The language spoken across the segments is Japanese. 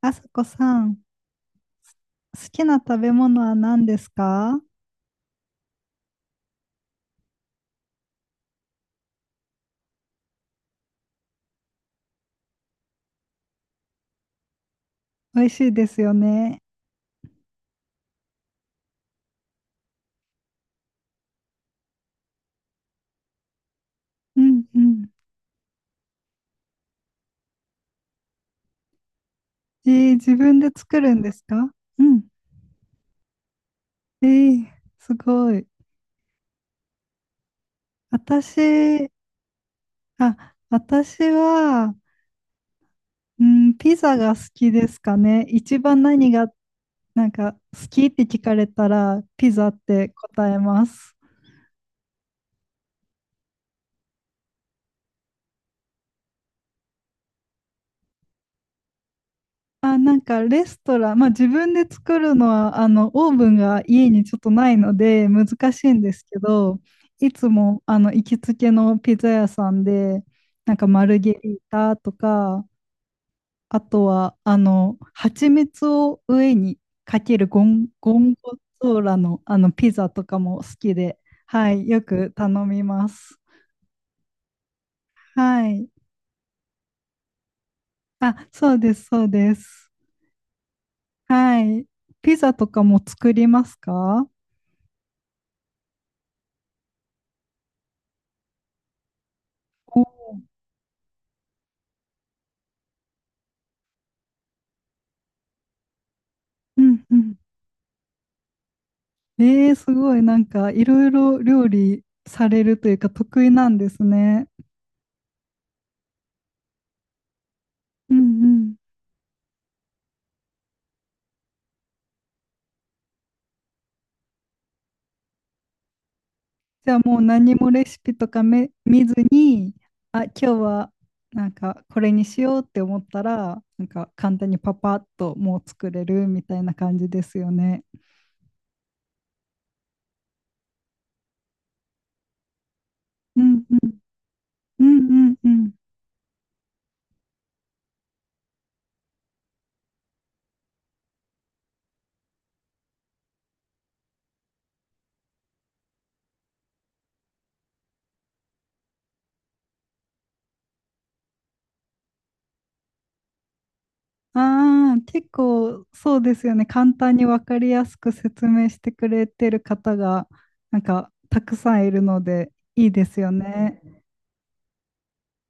あさこさん、好きな食べ物は何ですか？美味しいですよね。うんうん。自分で作るんですか？うん。えー、すごい。私、あ、私は、うん、ピザが好きですかね。一番何が、なんか、好きって聞かれたら、ピザって答えます。あ、なんかレストラン、まあ自分で作るのは、オーブンが家にちょっとないので難しいんですけど、いつも、行きつけのピザ屋さんで、なんかマルゲリータとか、あとは、蜂蜜を上にかけるゴン、ゴンゴゾーラの、ピザとかも好きで、はい、よく頼みます。はい。あ、そうです、そうです。はい。ピザとかも作りますか？うんうん。えー、すごい、なんかいろいろ料理されるというか得意なんですね。うんうん。じゃあもう何もレシピとかめ見ずに、あ、今日はなんかこれにしようって思ったら、なんか簡単にパパッともう作れるみたいな感じですよね。うんうんうんうんうん。ああ、結構そうですよね。簡単に分かりやすく説明してくれてる方がなんかたくさんいるのでいいですよね。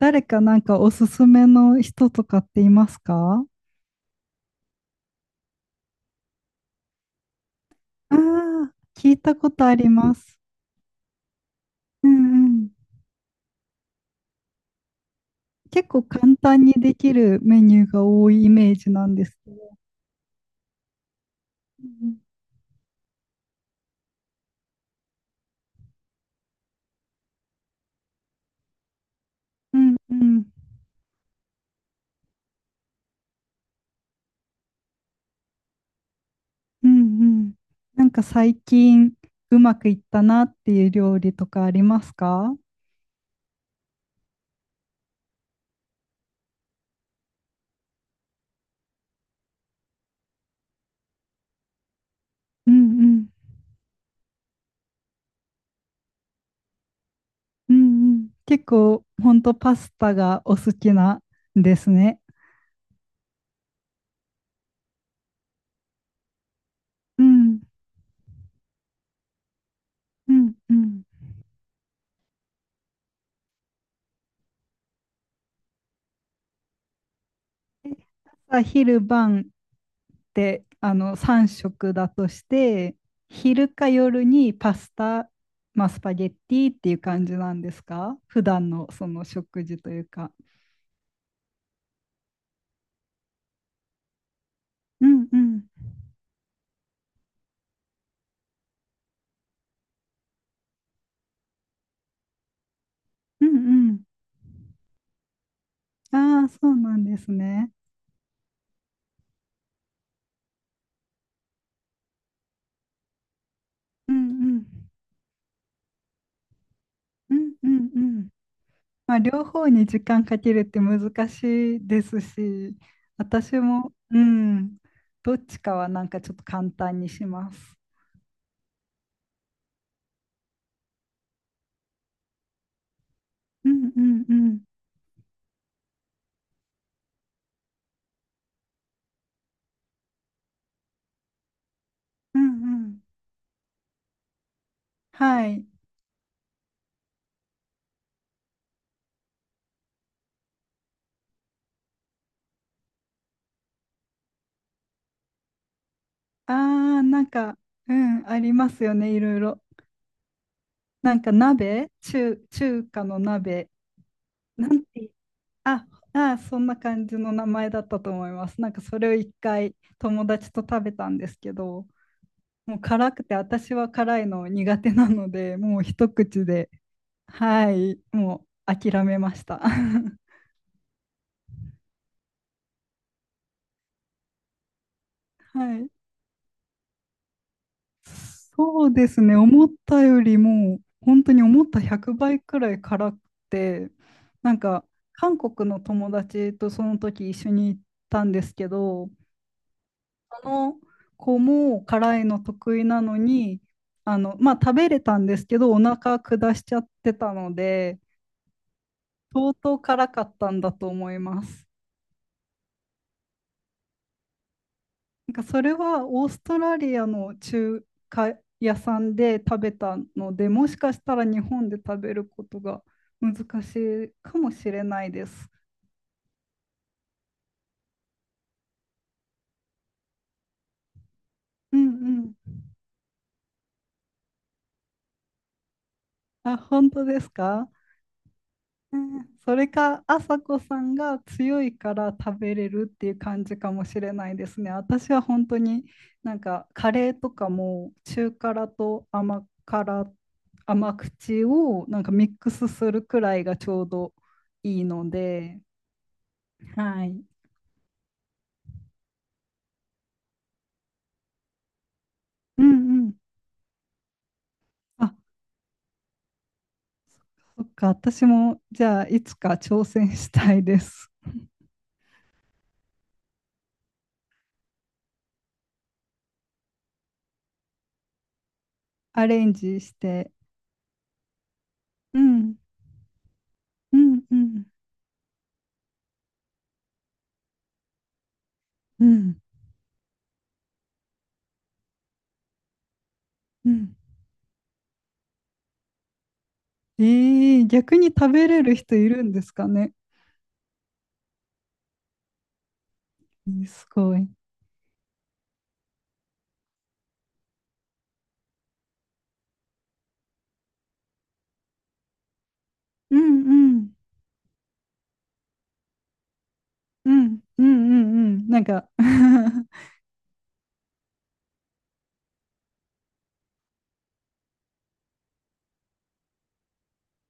誰かなんかおすすめの人とかっていますか？ああー、聞いたことあります。うんうん。結構簡単にできるメニューが多いイメージなんですけど。うんうんうん。うんうん。なんか最近うまくいったなっていう料理とかありますか？うんうんうんうん。結構ほんとパスタがお好きなんですね。うんうんうん。朝昼晩って3食だとして昼か夜にパスタ、まあ、スパゲッティっていう感じなんですか？普段のその食事というか。うんうんうんうん。ああ、そうなんですね。うんうんうんうんうん。まあ両方に時間かけるって難しいですし、私も、うん、どっちかはなんかちょっと簡単にします。うんうんうんうんうん。はい。ああ、なんか、うん、ありますよね、いろいろ。なんか鍋、中華の鍋、なんて、あ、あ、そんな感じの名前だったと思います。なんかそれを一回友達と食べたんですけど、もう辛くて、私は辛いの苦手なので、もう一口で、はい、もう諦めました。はい。そうですね、思ったよりも、本当に思った100倍くらい辛くて、なんか、韓国の友達とその時一緒に行ったんですけど、その子も辛いの得意なのに、まあ、食べれたんですけど、お腹下しちゃってたので、相当辛かったんだと思います。なんかそれはオーストラリアの中華屋さんで食べたので、もしかしたら日本で食べることが難しいかもしれないです。うんうん。あ、本当ですか？うん、それか、あさこさんが強いから食べれるっていう感じかもしれないですね。私は本当になんかカレーとかも中辛と甘辛、甘口をなんかミックスするくらいがちょうどいいので。はい。うんうん。あ、そっか。私も、じゃあ、いつか挑戦したいです。アレンジして。うん、うん、うん、うん、うん。ええ、逆に食べれる人いるんですかね。えーすごい。うん、うん、うん、うん、うん、うん。なんか う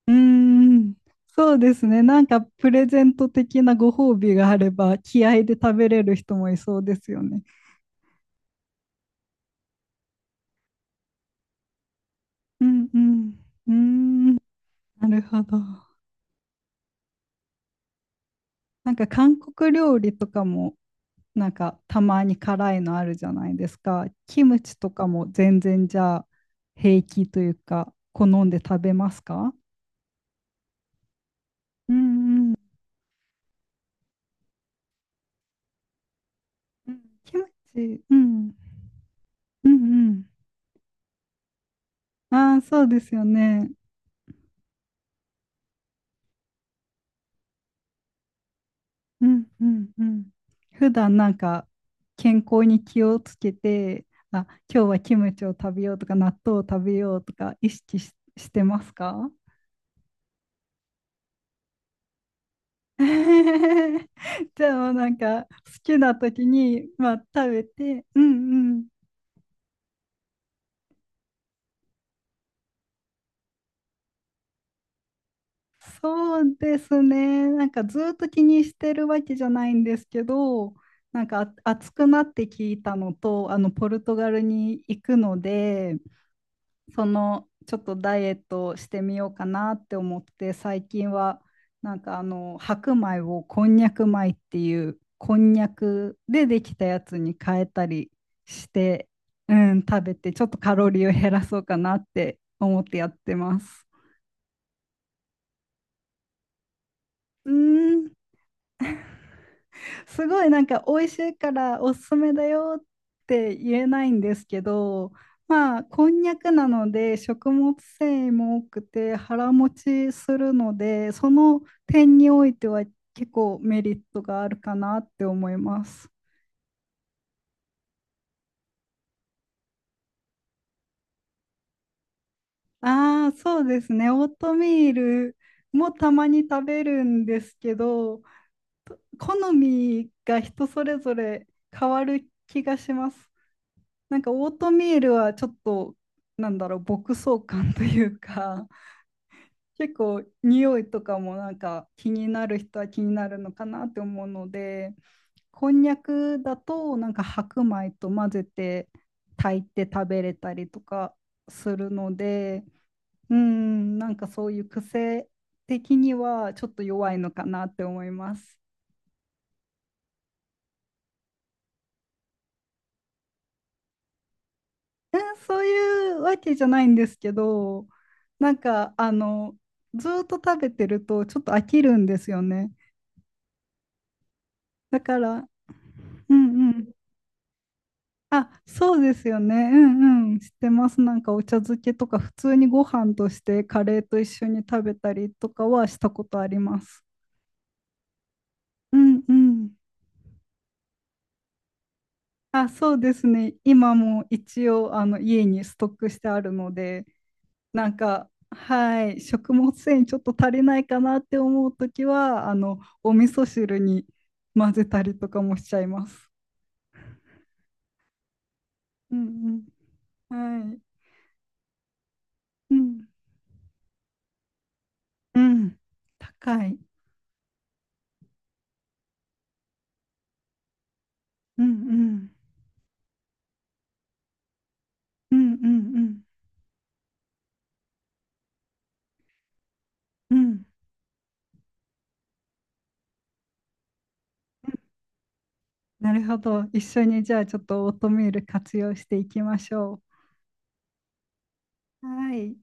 ーん、そうですね。なんか、プレゼント的なご褒美があれば、気合で食べれる人もいそうですよね。うん、うん、うーん、なるほど。なんか韓国料理とかもなんかたまに辛いのあるじゃないですか。キムチとかも全然じゃあ平気というか好んで食べますか？うんうん。キムチ、うん。うんうん。ああ、そうですよね。うんうんうん。普段なんか健康に気をつけて、あ、今日はキムチを食べようとか納豆を食べようとか意識し、してますか？ じゃあもうなんか好きな時に、まあ、食べて、うんうん。そうですね。なんかずっと気にしてるわけじゃないんですけど、なんかあ暑くなって聞いたのと、あのポルトガルに行くので、そのちょっとダイエットをしてみようかなって思って最近はなんか白米をこんにゃく米っていうこんにゃくでできたやつに変えたりして、うん、食べてちょっとカロリーを減らそうかなって思ってやってます。うーん、すごいなんか美味しいからおすすめだよって言えないんですけど、まあこんにゃくなので食物繊維も多くて腹持ちするので、その点においては結構メリットがあるかなって思います。ああ、そうですね。オートミールもたまに食べるんですけど、と好みが人それぞれ変わる気がします。なんかオートミールはちょっとなんだろう牧草感というか 結構匂いとかもなんか気になる人は気になるのかなって思うのでこんにゃくだとなんか白米と混ぜて炊いて食べれたりとかするのでうんなんかそういう癖的にはちょっと弱いのかなって思います。えーそういうわけじゃないんですけど、なんかずーっと食べてるとちょっと飽きるんですよね。だから、うんうん。あ、そうですよね。うんうん。知ってます。なんかお茶漬けとか普通にご飯としてカレーと一緒に食べたりとかはしたことあります。うんうん。あ、そうですね。今も一応あの家にストックしてあるので、なんか、はい、食物繊維ちょっと足りないかなって思うときは、お味噌汁に混ぜたりとかもしちゃいます。うんうん。はい。うん。うん。高い。うんうんうんうんうんうん、なるほど。一緒にじゃあちょっとオートミール活用していきましょう。はい。